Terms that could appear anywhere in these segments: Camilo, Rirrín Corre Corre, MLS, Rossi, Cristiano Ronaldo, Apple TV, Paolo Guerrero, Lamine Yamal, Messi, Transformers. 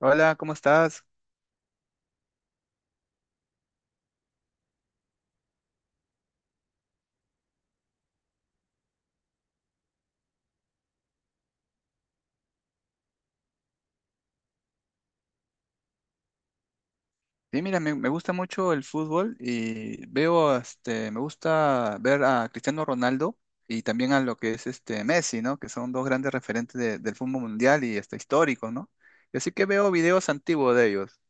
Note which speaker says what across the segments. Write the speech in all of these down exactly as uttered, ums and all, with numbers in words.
Speaker 1: Hola, ¿cómo estás? Sí, mira, me, me gusta mucho el fútbol y veo, este, me gusta ver a Cristiano Ronaldo y también a lo que es este Messi, ¿no? Que son dos grandes referentes de- del fútbol mundial y hasta históricos, ¿no? Y así que veo videos antiguos de ellos.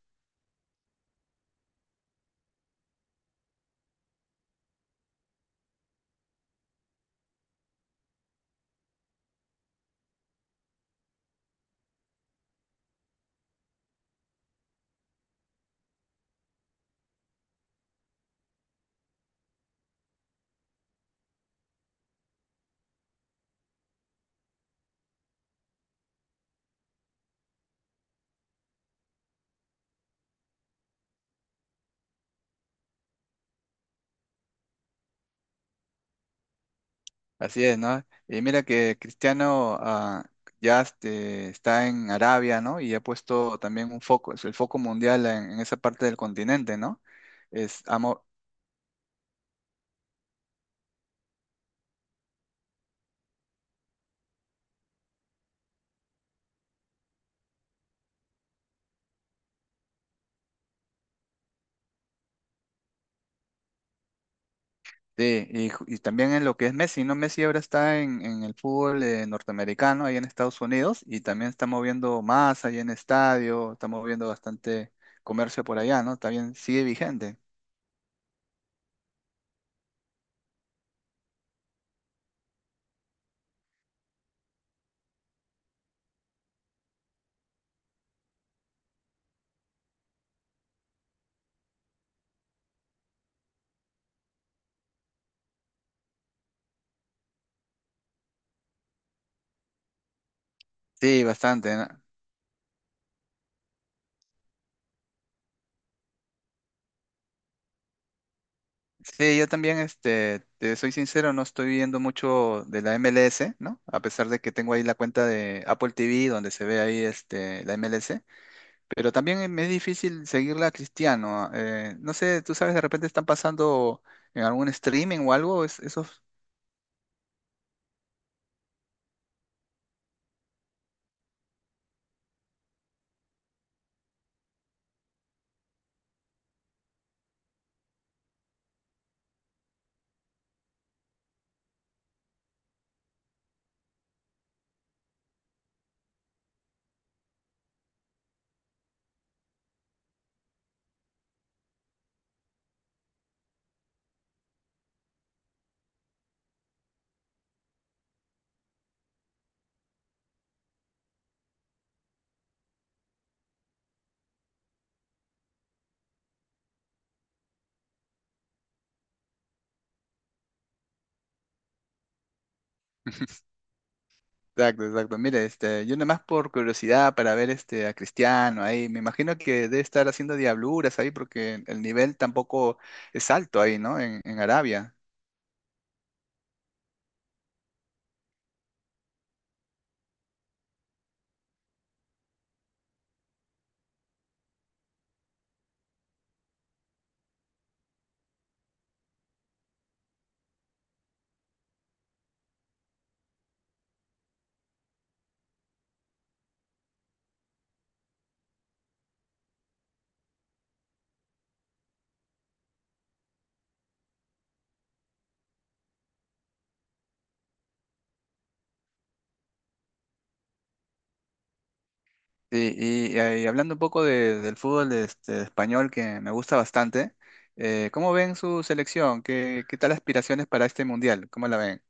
Speaker 1: Así es, ¿no? Y mira que Cristiano ah, ya este, está en Arabia, ¿no? Y ha puesto también un foco, es el foco mundial en, en esa parte del continente, ¿no? Es, ha, mo- Sí, y, ju- y también en lo que es Messi, ¿no? Messi ahora está en, en el fútbol eh, norteamericano, ahí en Estados Unidos, y también está moviendo más ahí en estadio, está moviendo bastante comercio por allá, ¿no? También sigue vigente. Sí, bastante, ¿no? Sí, yo también, este, te soy sincero, no estoy viendo mucho de la M L S, ¿no? A pesar de que tengo ahí la cuenta de Apple T V, donde se ve ahí, este, la M L S. Pero también em, es difícil seguirla a Cristiano. ah, eh, no sé, tú sabes, de repente están pasando en algún streaming o algo. es- esos... Exacto, exacto. Mire, este, yo nomás por curiosidad para ver este, a Cristiano ahí. Me imagino que debe estar haciendo diabluras ahí porque el nivel tampoco es alto ahí, ¿no? En, en Arabia. Y, y- eh, y hablando un poco de- del fútbol este, español que me gusta bastante, eh, ¿cómo ven su selección? ¿Qué, qué tal aspiraciones para este mundial? ¿Cómo la ven?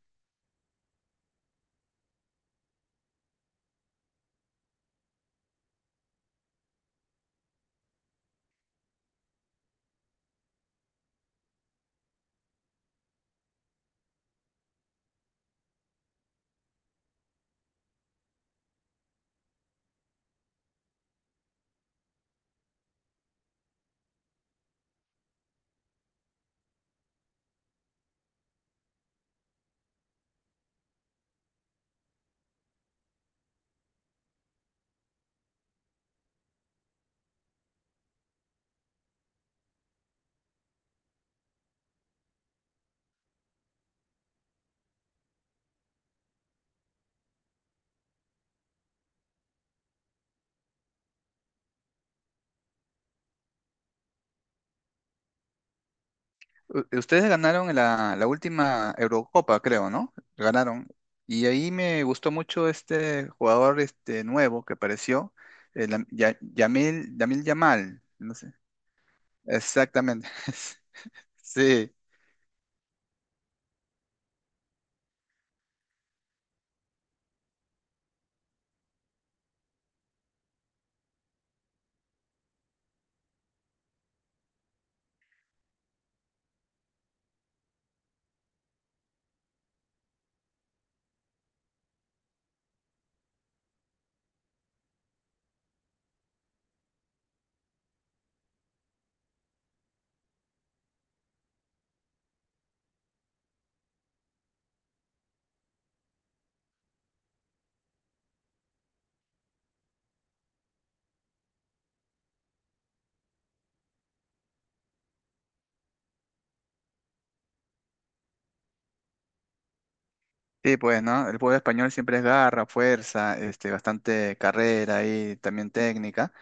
Speaker 1: U- Ustedes ganaron la, la última Eurocopa, creo, ¿no? Ganaron. Y ahí me gustó mucho este jugador este nuevo que apareció, el Lam- Ya- Yamil, Lamine Yamal, no sé. Exactamente. Sí, sí, pues, ¿no? El juego español siempre es garra, fuerza, este, bastante carrera y también técnica.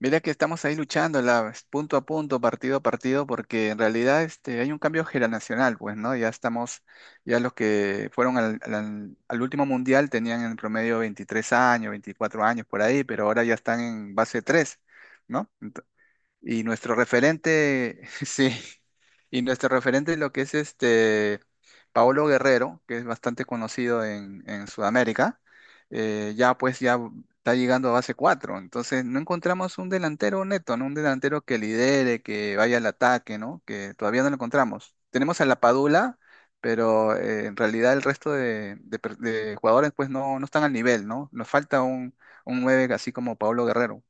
Speaker 1: Mira que estamos ahí luchando la- punto a punto, partido a partido, porque en realidad este, hay un cambio generacional, pues, ¿no? Ya estamos, ya los que fueron al, al- al último mundial tenían en promedio veintitrés años, veinticuatro años por ahí, pero ahora ya están en base tres, ¿no? Y nuestro referente, sí, y nuestro referente lo que es este Paolo Guerrero, que es bastante conocido en, en Sudamérica. Eh, ya pues ya está llegando a base cuatro, entonces no encontramos un delantero neto, ¿no? Un delantero que lidere, que vaya al ataque, ¿no? Que todavía no lo encontramos. Tenemos a la Padula, pero eh, en realidad el resto de, de per- de jugadores pues no, no están al nivel, ¿no? Nos falta un, un, nueve así como Paolo Guerrero.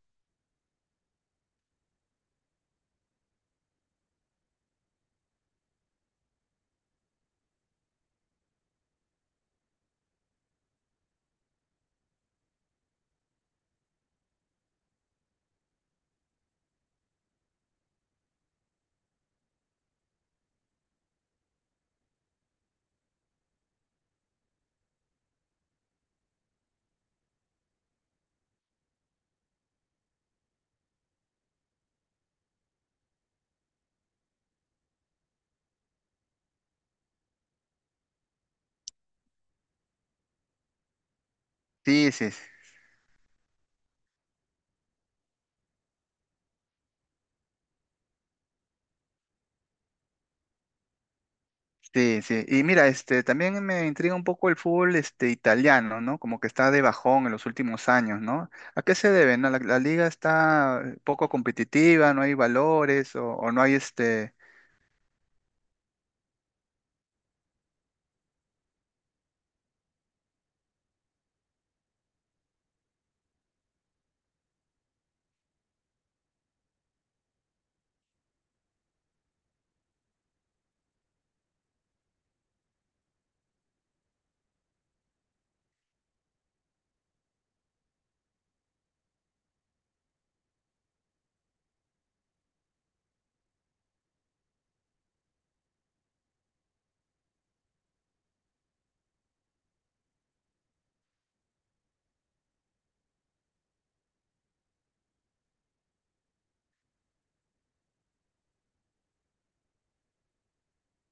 Speaker 1: Sí, sí, sí. Sí, sí. Y mira, este, también me intriga un poco el fútbol, este, italiano, ¿no? Como que está de bajón en los últimos años, ¿no? ¿A qué se debe? ¿No? La, la liga está eh, poco competitiva, no hay valores o, o no hay este.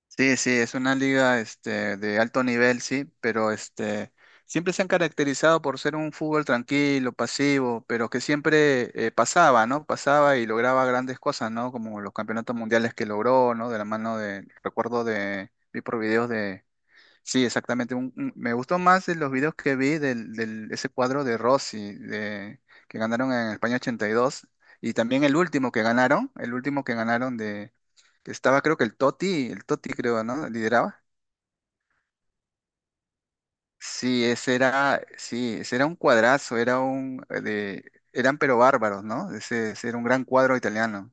Speaker 1: Sí, sí, es una liga, este, de alto nivel, sí, pero este, siempre se han caracterizado por ser un fútbol tranquilo, pasivo, pero que siempre eh, pasaba, ¿no? Pasaba y lograba grandes cosas, ¿no? Como los campeonatos mundiales que logró, ¿no? De la mano de, recuerdo de, vi por videos de. Sí, exactamente. un- un- me gustó más de los videos que vi del, del- ese cuadro de Rossi de, que ganaron en España ochenta y dos y dos, y también el último que ganaron, el último que ganaron de que estaba creo que el Totti, el Totti creo, ¿no? Lideraba. Sí, ese era, sí, ese era un cuadrazo, era un de, eran pero bárbaros, ¿no? Ese, ese era un gran cuadro italiano.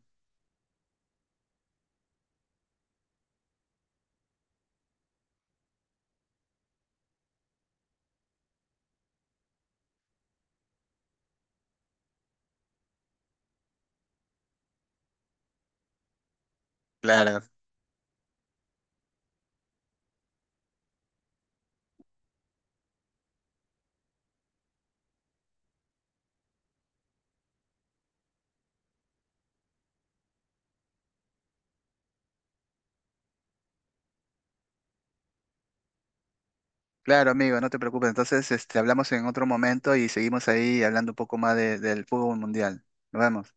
Speaker 1: Claro. Claro, amigo, no te preocupes. Entonces, este, hablamos en otro momento y seguimos ahí hablando un poco más de- del fútbol mundial. Nos vemos.